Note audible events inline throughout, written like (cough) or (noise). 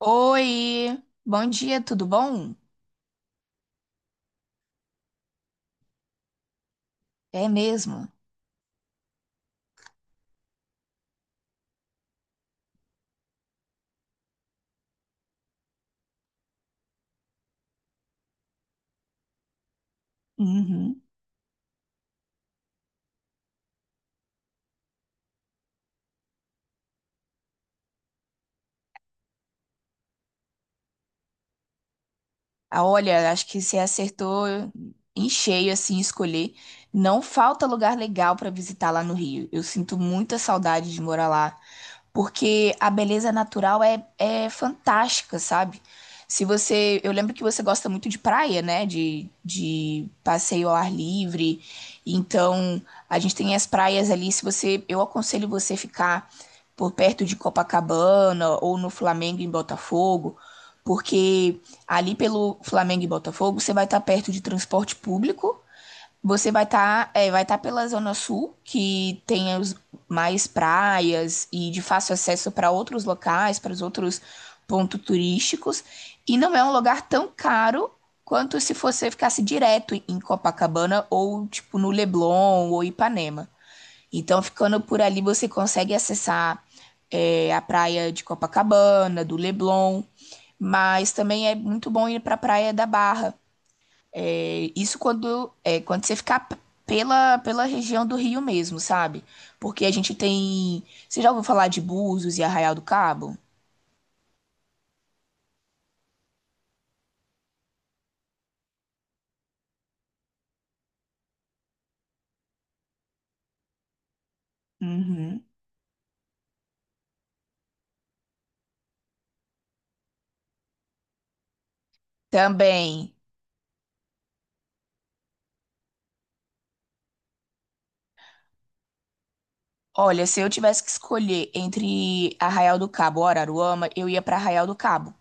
Oi, bom dia, tudo bom? É mesmo? Uhum. Ah, olha, acho que você acertou em cheio, assim, escolher. Não falta lugar legal para visitar lá no Rio. Eu sinto muita saudade de morar lá, porque a beleza natural é fantástica, sabe? Se você, eu lembro que você gosta muito de praia, né? De passeio ao ar livre. Então, a gente tem as praias ali. Se você, eu aconselho você ficar por perto de Copacabana ou no Flamengo em Botafogo, porque ali pelo Flamengo e Botafogo, você vai estar perto de transporte público, você vai estar vai estar pela Zona Sul, que tem os mais praias e de fácil acesso para outros locais, para os outros pontos turísticos, e não é um lugar tão caro quanto se você ficasse direto em Copacabana ou tipo no Leblon ou Ipanema. Então, ficando por ali, você consegue acessar a praia de Copacabana, do Leblon, mas também é muito bom ir para a praia da Barra. Isso quando, quando você ficar pela região do Rio mesmo, sabe? Porque a gente tem. Você já ouviu falar de Búzios e Arraial do Cabo? Uhum. Também. Olha, se eu tivesse que escolher entre Arraial do Cabo ou Araruama, eu ia para Arraial do Cabo,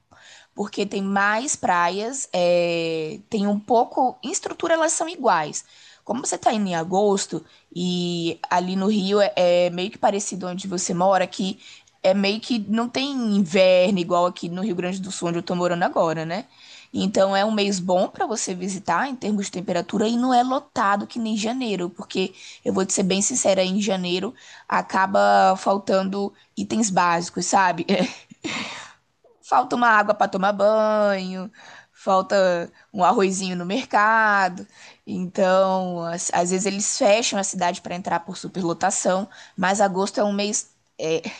porque tem mais praias, tem um pouco. Em estrutura elas são iguais. Como você está indo em agosto e ali no Rio é meio que parecido onde você mora, que é meio que não tem inverno igual aqui no Rio Grande do Sul, onde eu estou morando agora, né? Então é um mês bom para você visitar em termos de temperatura e não é lotado que nem janeiro, porque eu vou te ser bem sincera, em janeiro acaba faltando itens básicos, sabe? (laughs) Falta uma água para tomar banho, falta um arrozinho no mercado. Então, às vezes eles fecham a cidade para entrar por superlotação, mas agosto é um mês é, Pra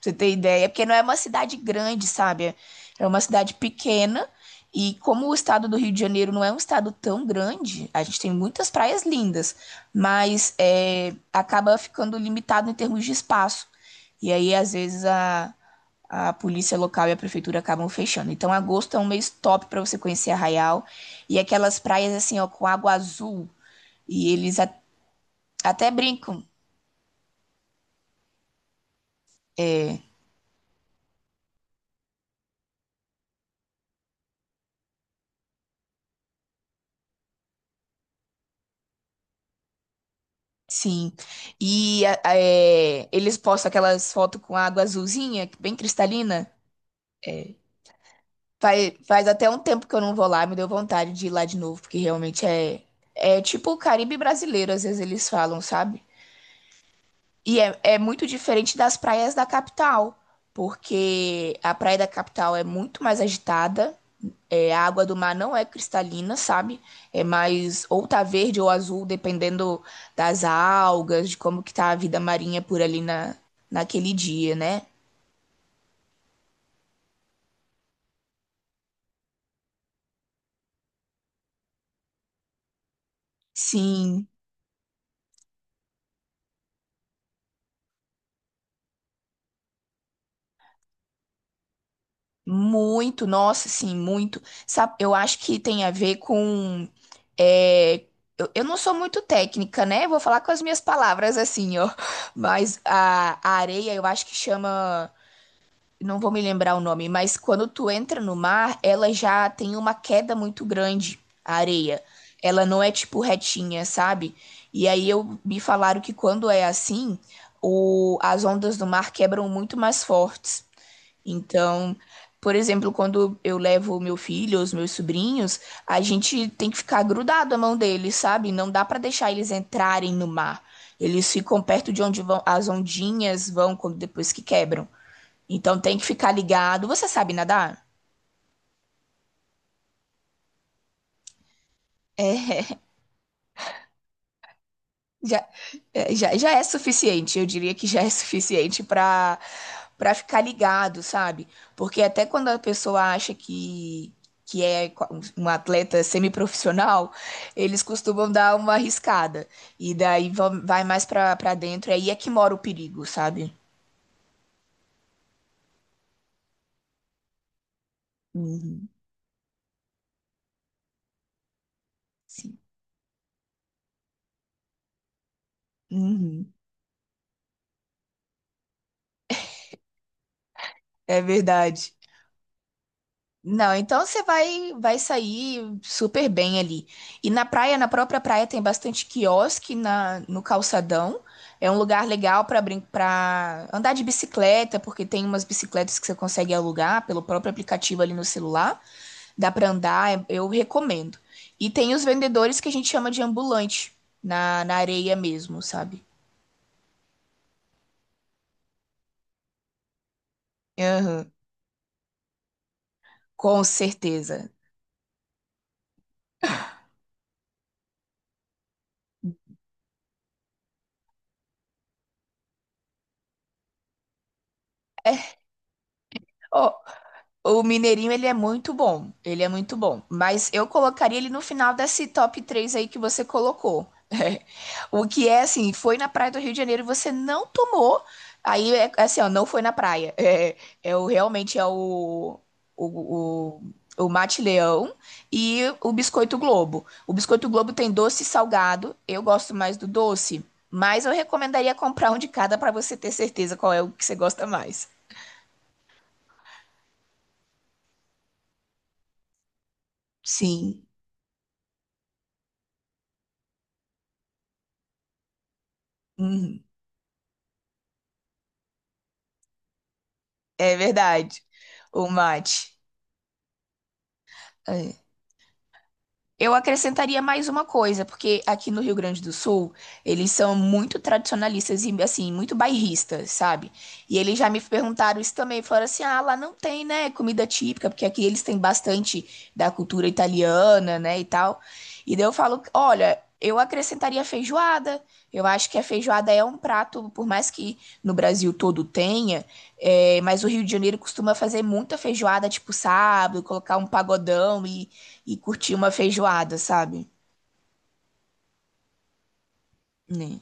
você ter ideia, porque não é uma cidade grande, sabe? É uma cidade pequena. E como o estado do Rio de Janeiro não é um estado tão grande, a gente tem muitas praias lindas, mas acaba ficando limitado em termos de espaço. E aí, às vezes, a polícia local e a prefeitura acabam fechando. Então, agosto é um mês top para você conhecer Arraial. E aquelas praias, assim, ó, com água azul. E eles até brincam. é, Sim. E eles postam aquelas fotos com água azulzinha, bem cristalina. É, faz até um tempo que eu não vou lá, me deu vontade de ir lá de novo, porque realmente é tipo o Caribe brasileiro, às vezes eles falam, sabe? E é muito diferente das praias da capital, porque a praia da capital é muito mais agitada. É, a água do mar não é cristalina, sabe? É mais ou tá verde ou azul, dependendo das algas, de como que tá a vida marinha por ali na, naquele dia, né? Sim, muito, nossa, sim, muito. Sabe, eu acho que tem a ver com. é, eu não sou muito técnica, né? Vou falar com as minhas palavras assim, ó. (laughs) Mas a areia, eu acho que chama. Não vou me lembrar o nome, mas quando tu entra no mar, ela já tem uma queda muito grande, a areia. Ela não é tipo retinha, sabe? E aí eu me falaram que quando é assim, as ondas do mar quebram muito mais fortes. Então, por exemplo, quando eu levo o meu filho, os meus sobrinhos, a gente tem que ficar grudado à mão deles, sabe? Não dá para deixar eles entrarem no mar. Eles ficam perto de onde vão as ondinhas vão quando depois que quebram. Então tem que ficar ligado. Você sabe nadar? É, (laughs) já, já é suficiente. Eu diria que já é suficiente para ficar ligado, sabe? Porque até quando a pessoa acha que é um atleta semiprofissional, eles costumam dar uma arriscada. E daí vai mais para dentro. Aí é que mora o perigo, sabe? Uhum, sim. Uhum, é verdade. Não, então você vai sair super bem ali. E na praia, na própria praia tem bastante quiosque no calçadão. É um lugar legal para andar de bicicleta, porque tem umas bicicletas que você consegue alugar pelo próprio aplicativo ali no celular. Dá para andar, eu recomendo. E tem os vendedores que a gente chama de ambulante na areia mesmo, sabe? Aham, com certeza. É, Ó, o Mineirinho, ele é muito bom. Ele é muito bom. Mas eu colocaria ele no final desse top 3 aí que você colocou. (laughs) O que é assim, foi na praia do Rio de Janeiro e você não tomou. Aí é assim, ó, não foi na praia. (laughs) Realmente é o, o Mate Leão e o Biscoito Globo. O Biscoito Globo tem doce e salgado. Eu gosto mais do doce, mas eu recomendaria comprar um de cada para você ter certeza qual é o que você gosta mais. Sim. Uhum. É verdade. O mate. É. Eu acrescentaria mais uma coisa, porque aqui no Rio Grande do Sul, eles são muito tradicionalistas e, assim, muito bairristas, sabe? E eles já me perguntaram isso também, falaram assim, ah, lá não tem, né, comida típica, porque aqui eles têm bastante da cultura italiana, né, e tal. E daí eu falo, olha, eu acrescentaria feijoada, eu acho que a feijoada é um prato, por mais que no Brasil todo tenha, mas o Rio de Janeiro costuma fazer muita feijoada, tipo sábado, colocar um pagodão e curtir uma feijoada, sabe? Né?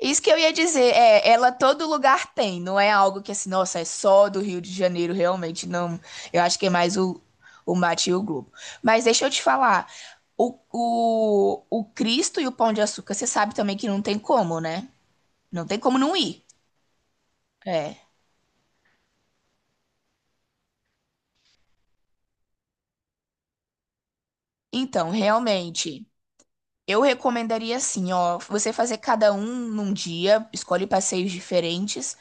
Isso que eu ia dizer, ela todo lugar tem, não é algo que assim, nossa, é só do Rio de Janeiro, realmente, não. Eu acho que é mais o mate e o globo. Mas deixa eu te falar, o Cristo e o Pão de Açúcar, você sabe também que não tem como, né? Não tem como não ir. É. Então, realmente, eu recomendaria assim, ó, você fazer cada um num dia, escolhe passeios diferentes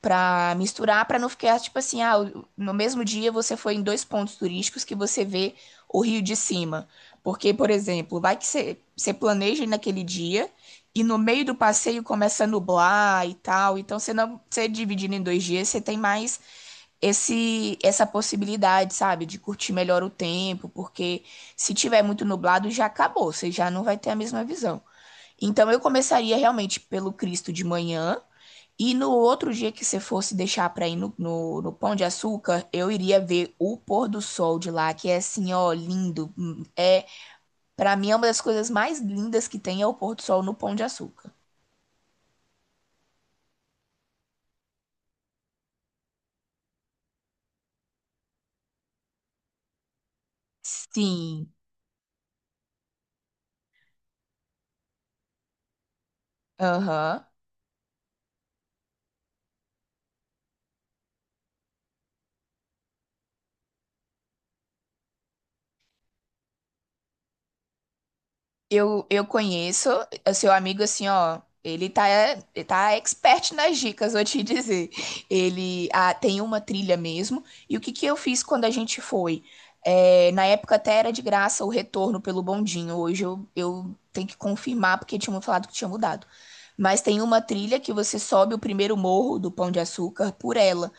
pra misturar, pra não ficar tipo assim, ah, no mesmo dia você foi em dois pontos turísticos que você vê o Rio de cima. Porque, por exemplo, vai que você planeja ir naquele dia e no meio do passeio começa a nublar e tal, então você não, você dividindo em 2 dias, você tem mais esse essa possibilidade, sabe, de curtir melhor o tempo, porque se tiver muito nublado já acabou, você já não vai ter a mesma visão. Então eu começaria realmente pelo Cristo de manhã e no outro dia que você fosse deixar para ir no Pão de Açúcar, eu iria ver o pôr do sol de lá, que é assim, ó, lindo. É, para mim é uma das coisas mais lindas que tem é o pôr do sol no Pão de Açúcar. Sim. Aham. Eu conheço o seu amigo assim, ó. Ele tá expert nas dicas, vou te dizer. Ele tem uma trilha mesmo. E o que que eu fiz quando a gente foi? É, na época até era de graça o retorno pelo bondinho. Hoje eu tenho que confirmar porque tinha me falado que tinha mudado. Mas tem uma trilha que você sobe o primeiro morro do Pão de Açúcar por ela.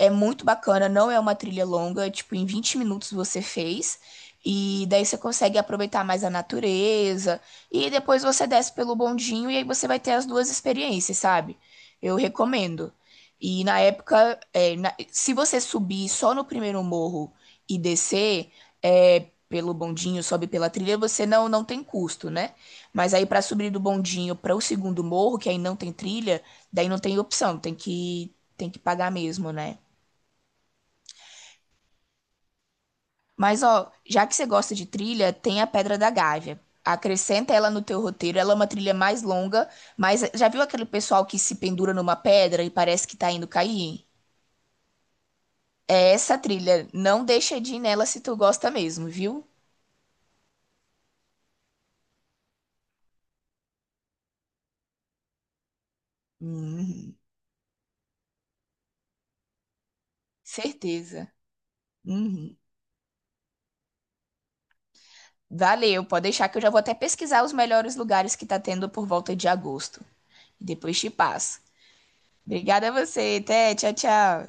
É muito bacana, não é uma trilha longa, tipo, em 20 minutos você fez. E daí você consegue aproveitar mais a natureza. E depois você desce pelo bondinho e aí você vai ter as duas experiências, sabe? Eu recomendo. E na época, se você subir só no primeiro morro e descer pelo bondinho, sobe pela trilha, você não, tem custo, né? Mas aí pra subir do bondinho para o segundo morro, que aí não tem trilha, daí não tem opção, tem que pagar mesmo, né? Mas ó, já que você gosta de trilha, tem a Pedra da Gávea. Acrescenta ela no teu roteiro. Ela é uma trilha mais longa, mas já viu aquele pessoal que se pendura numa pedra e parece que tá indo cair? É essa trilha. Não deixa de ir nela se tu gosta mesmo, viu? Uhum, certeza. Uhum. Valeu, pode deixar que eu já vou até pesquisar os melhores lugares que tá tendo por volta de agosto. Depois te passo. Obrigada a você, até, tchau, tchau.